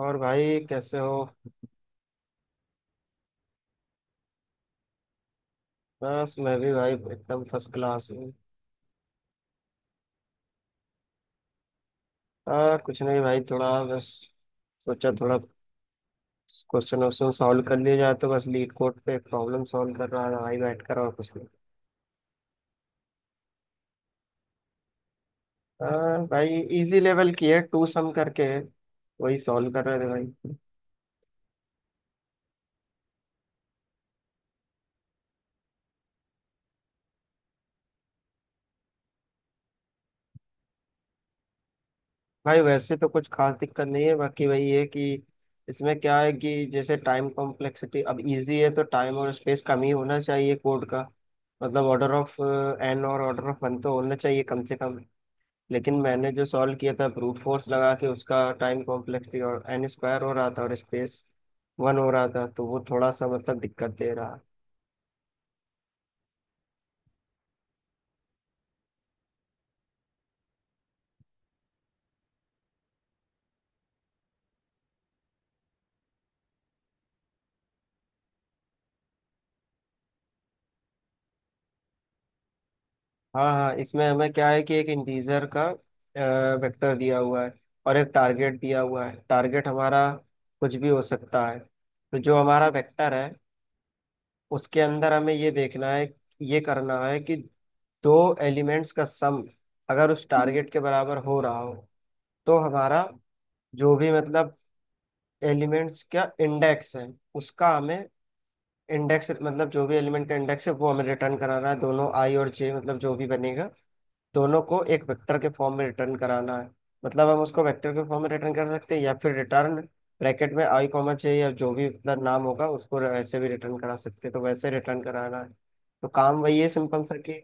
और भाई कैसे हो? बस मैं भी भाई एकदम फर्स्ट क्लास हूँ। कुछ नहीं भाई, थोड़ा बस सोचा थोड़ा क्वेश्चन वोश्चन सॉल्व कर लिए जाए, तो बस लीड कोड पे प्रॉब्लम सॉल्व कर रहा था भाई बैठ कर, और कुछ नहीं। आ, भाई इजी लेवल की है, टू सम करके है, वही सॉल्व कर रहे थे भाई। भाई वैसे तो कुछ खास दिक्कत नहीं है, बाकी वही है कि इसमें क्या है कि जैसे टाइम कॉम्प्लेक्सिटी, अब इजी है तो टाइम और स्पेस कम ही होना चाहिए कोड का। मतलब ऑर्डर ऑफ एन और ऑर्डर ऑफ वन तो होना चाहिए कम से कम। लेकिन मैंने जो सॉल्व किया था ब्रूट फोर्स लगा के, उसका टाइम कॉम्प्लेक्सिटी और एन स्क्वायर हो रहा था और स्पेस वन हो रहा था, तो वो थोड़ा सा मतलब दिक्कत दे रहा। हाँ हाँ, इसमें हमें क्या है कि एक इंटीजर का वेक्टर दिया हुआ है, और एक टारगेट दिया हुआ है। टारगेट हमारा कुछ भी हो सकता है। तो जो हमारा वेक्टर है उसके अंदर हमें ये देखना है, ये करना है कि दो एलिमेंट्स का सम अगर उस टारगेट के बराबर हो रहा हो, तो हमारा जो भी मतलब एलिमेंट्स का इंडेक्स है उसका हमें इंडेक्स, मतलब जो भी एलिमेंट का इंडेक्स है वो हमें रिटर्न कराना है, दोनों आई और जे, मतलब जो भी बनेगा दोनों को एक वेक्टर के फॉर्म में रिटर्न कराना है। मतलब हम उसको वेक्टर के फॉर्म में रिटर्न कर सकते हैं, या फिर रिटर्न ब्रैकेट में आई कॉमा चाहिए या जो भी अपना नाम होगा, उसको वैसे भी रिटर्न करा सकते हैं, तो वैसे रिटर्न कराना है। तो काम वही है सिंपल सा कि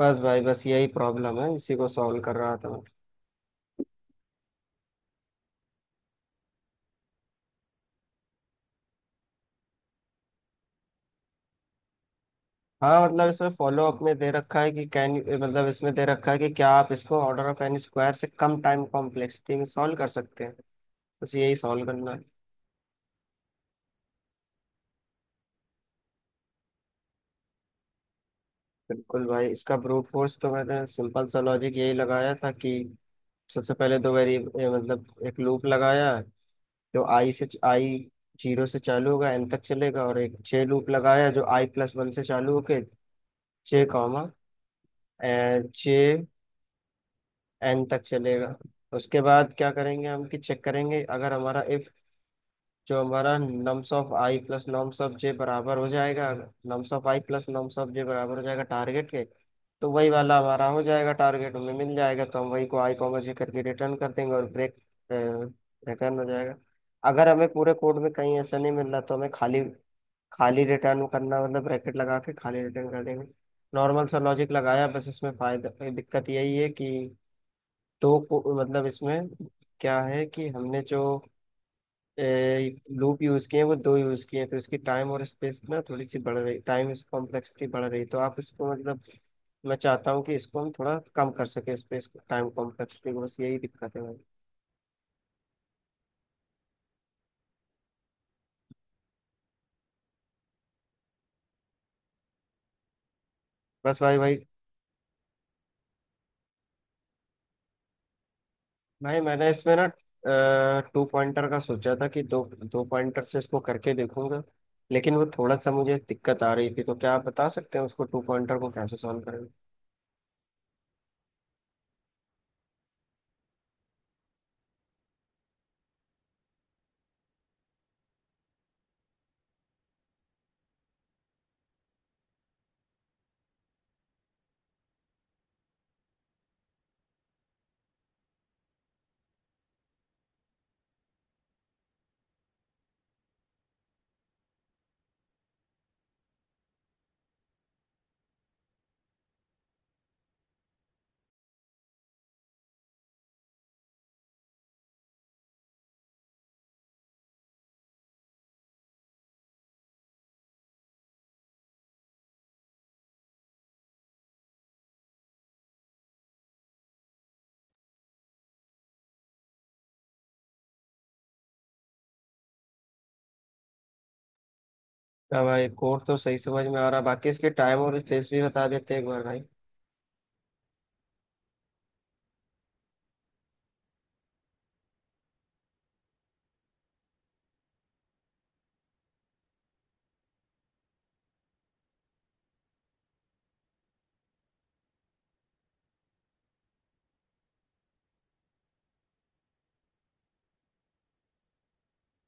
बस भाई, बस यही प्रॉब्लम है, इसी को सॉल्व कर रहा था मैं। हाँ मतलब इसमें फॉलो अप में दे रखा है कि कैन, मतलब इसमें दे रखा है कि क्या आप इसको ऑर्डर ऑफ एन स्क्वायर से कम टाइम कॉम्प्लेक्सिटी में सॉल्व कर सकते हैं? बस यही सॉल्व करना है। बिल्कुल भाई, इसका ब्रूट फोर्स तो मैंने सिंपल सा लॉजिक यही लगाया था कि सबसे पहले तो वेरी मतलब एक लूप लगाया जो आई से आई जीरो से चालू होगा एन तक चलेगा, और एक जे लूप लगाया जो आई प्लस वन से चालू होके जे कॉमा जे एन तक चलेगा। उसके बाद क्या करेंगे हम कि चेक करेंगे अगर हमारा इफ जो हमारा nums of i plus nums of j बराबर हो जाएगा, nums of i plus nums of j बराबर हो जाएगा टारगेट के, तो वही वाला हमारा हो जाएगा टारगेट, हमें मिल जाएगा तो हम वही को आई कॉमर्स के करके रिटर्न कर देंगे, और ब्रेक रिटर्न हो जाएगा। अगर हमें पूरे कोड में कहीं ऐसा नहीं मिल रहा, तो हमें खाली खाली रिटर्न करना मतलब ब्रैकेट लगा के खाली रिटर्न कर देंगे। नॉर्मल सा लॉजिक लगाया, बस इसमें फायदा दिक्कत यही है कि मतलब इसमें क्या है कि हमने जो लूप यूज किए हैं वो दो यूज किए हैं, तो इसकी टाइम और स्पेस ना थोड़ी सी बढ़ रही, टाइम कॉम्प्लेक्सिटी बढ़ रही, तो आप इसको मतलब मैं चाहता हूँ कि इसको हम थोड़ा कम कर सके, इस पे इसको टाइम कम कर सके, बस यही दिक्कत है भाई। बस भाई भाई भाई, मैंने इसमें ना टू पॉइंटर का सोचा था कि दो दो पॉइंटर से इसको करके देखूंगा, लेकिन वो थोड़ा सा मुझे दिक्कत आ रही थी। तो क्या आप बता सकते हैं उसको टू पॉइंटर को कैसे सॉल्व करेंगे? क्या भाई, कोड तो सही समझ में आ रहा, बाकी इसके टाइम और स्पेस भी बता देते एक बार भाई।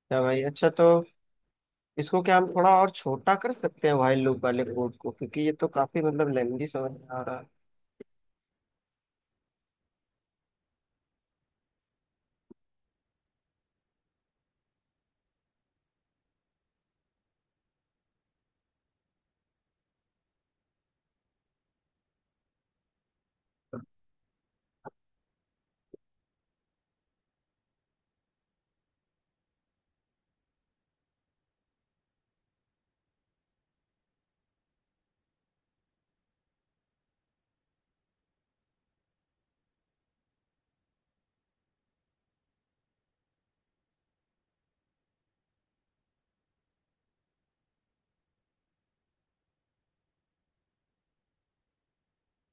क्या भाई अच्छा, तो इसको क्या हम थोड़ा और छोटा कर सकते हैं, वाइल लूप वाले कोड को? क्योंकि ये तो काफी मतलब लेंदी समझ में आ रहा है।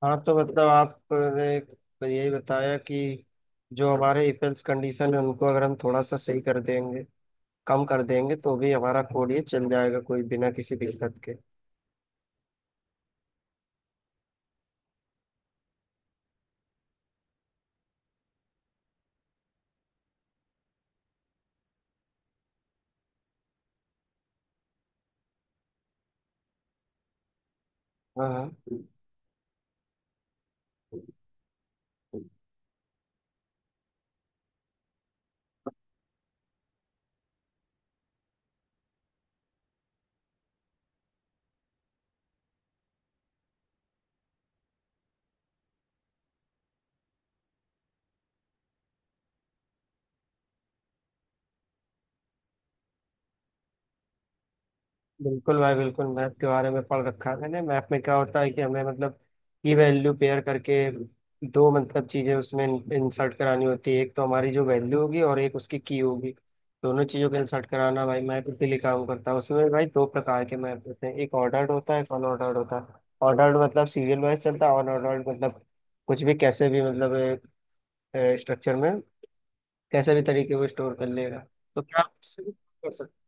हाँ तो मतलब आपने तो यही बताया कि जो हमारे इफेल्स कंडीशन है, उनको अगर हम थोड़ा सा सही कर देंगे, कम कर देंगे, तो भी हमारा कोड ये चल जाएगा, कोई बिना किसी दिक्कत के। हाँ। हाँ बिल्कुल भाई बिल्कुल, मैप के बारे में पढ़ रखा है मैंने। मैप में क्या होता है कि हमें मतलब की वैल्यू पेयर करके दो मतलब चीज़ें उसमें इंसर्ट करानी होती है, एक तो हमारी जो वैल्यू होगी और एक उसकी की होगी। दोनों चीज़ों को इंसर्ट कराना भाई, मैप इसीलिए काम करता है उसमें। भाई दो प्रकार के मैप होते हैं, एक ऑर्डर्ड होता है एक अनऑर्डर्ड होता है। ऑर्डर्ड मतलब सीरियल वाइज चलता है, अनऑर्डर्ड मतलब कुछ भी कैसे भी, मतलब स्ट्रक्चर में कैसे भी तरीके वो स्टोर कर लेगा। तो क्या आप इससे भी कर सकते?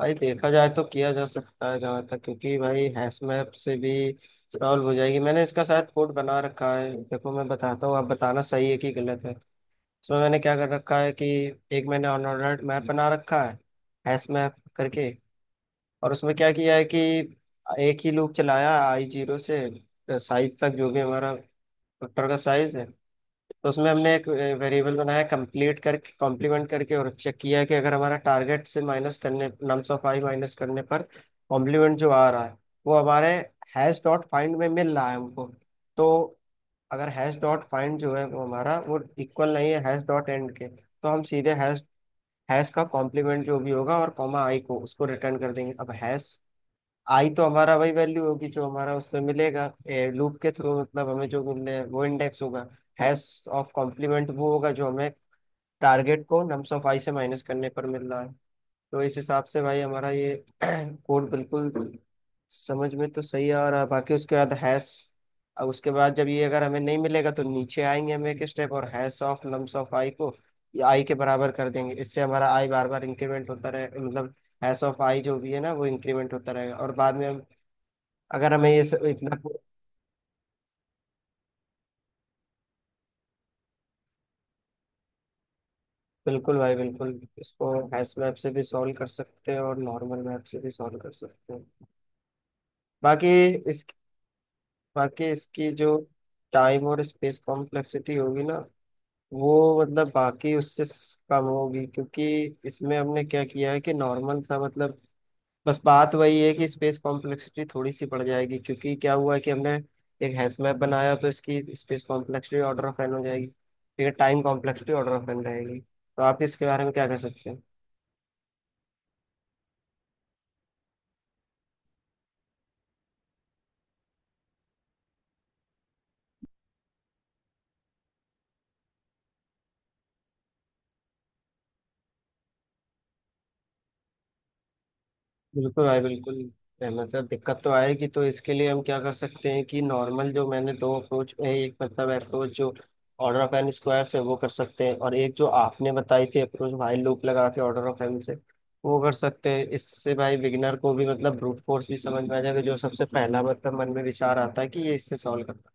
भाई देखा जाए तो किया जा सकता है जहाँ तक, क्योंकि भाई हैश मैप से भी सॉल्व हो जाएगी। मैंने इसका शायद कोड बना रखा है, देखो मैं बताता हूँ, आप बताना सही है कि गलत है। इसमें मैंने क्या कर रखा है कि एक मैंने अनऑर्डर्ड मैप बना रखा है हैश मैप करके, और उसमें क्या किया है कि एक ही लूप चलाया आई जीरो से साइज तक, जो भी हमारा वेक्टर का साइज है, तो उसमें हमने एक वेरिएबल बनाया कंप्लीट करके कॉम्प्लीमेंट करके, और चेक किया कि अगर हमारा टारगेट से माइनस करने नम्स ऑफ i माइनस करने पर कॉम्प्लीमेंट जो आ रहा है वो हमारे हैश डॉट फाइंड में मिल रहा है हमको, तो अगर हैश डॉट फाइंड जो है वो हमारा वो इक्वल नहीं है हैश डॉट एंड के, तो हम सीधे हैश हैश का कॉम्प्लीमेंट जो भी होगा और कॉमा i को उसको रिटर्न कर देंगे। अब हैश आई तो हमारा वही वैल्यू होगी जो हमारा उसमें मिलेगा लूप के थ्रू, मतलब हमें जो मिलने हैं, वो इंडेक्स होगा। हैश ऑफ कॉम्प्लीमेंट वो होगा जो हमें टारगेट को नम्स ऑफ आई से माइनस करने पर मिल रहा है। तो इस हिसाब से भाई हमारा ये कोड बिल्कुल समझ में तो सही आ रहा है। बाकी उसके बाद हैश, अब उसके बाद जब ये अगर हमें नहीं मिलेगा तो नीचे आएंगे हम एक स्टेप, और hash of nums of i को आई के बराबर कर देंगे, इससे हमारा आई बार बार इंक्रीमेंट होता रहे, मतलब हैश ऑफ आई जो भी है ना, वो इंक्रीमेंट होता रहेगा, और बाद में हम अगर हमें ये सब इतना। बिल्कुल भाई बिल्कुल, इसको हैश मैप से भी सॉल्व कर सकते हैं और नॉर्मल मैप से भी सॉल्व कर सकते हैं। बाकी इस बाकी इसकी जो टाइम और स्पेस कॉम्प्लेक्सिटी होगी ना, वो मतलब बाकी उससे कम होगी, क्योंकि इसमें हमने क्या किया है कि नॉर्मल सा मतलब बस बात वही है कि स्पेस कॉम्प्लेक्सिटी थोड़ी सी बढ़ जाएगी, क्योंकि क्या हुआ है कि हमने एक हैश मैप बनाया, तो इसकी space complexity order of n हो जाएगी। ठीक है, time complexity order of n रहेगी, तो आप इसके बारे में क्या कह सकते हैं? बिल्कुल भाई बिल्कुल, सहमत है, दिक्कत तो आएगी। तो इसके लिए हम क्या कर सकते हैं कि नॉर्मल जो मैंने दो अप्रोच, एक मतलब अप्रोच जो ऑर्डर ऑफ एन स्क्वायर से, वो कर सकते हैं, और एक जो आपने बताई थी अप्रोच भाई लूप लगा के ऑर्डर ऑफ एन से, वो कर सकते हैं। इससे भाई बिगिनर को भी मतलब ब्रूट फोर्स भी समझ में आ जाएगा, जो सबसे पहला मतलब मन में विचार आता है कि ये इससे सॉल्व करना,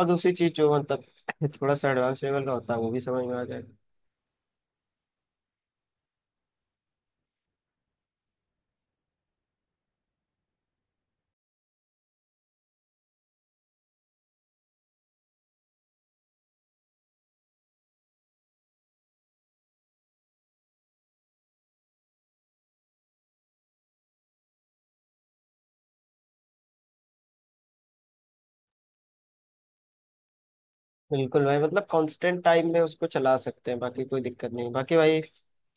और दूसरी चीज जो मतलब थोड़ा सा एडवांस लेवल का होता है वो भी समझ में आ जाएगा। बिल्कुल भाई, मतलब कांस्टेंट टाइम में उसको चला सकते हैं, बाकी कोई दिक्कत नहीं। बाकी भाई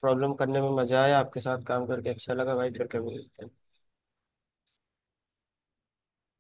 प्रॉब्लम करने में मजा आया, आपके साथ काम करके अच्छा लगा भाई, फिर कभी।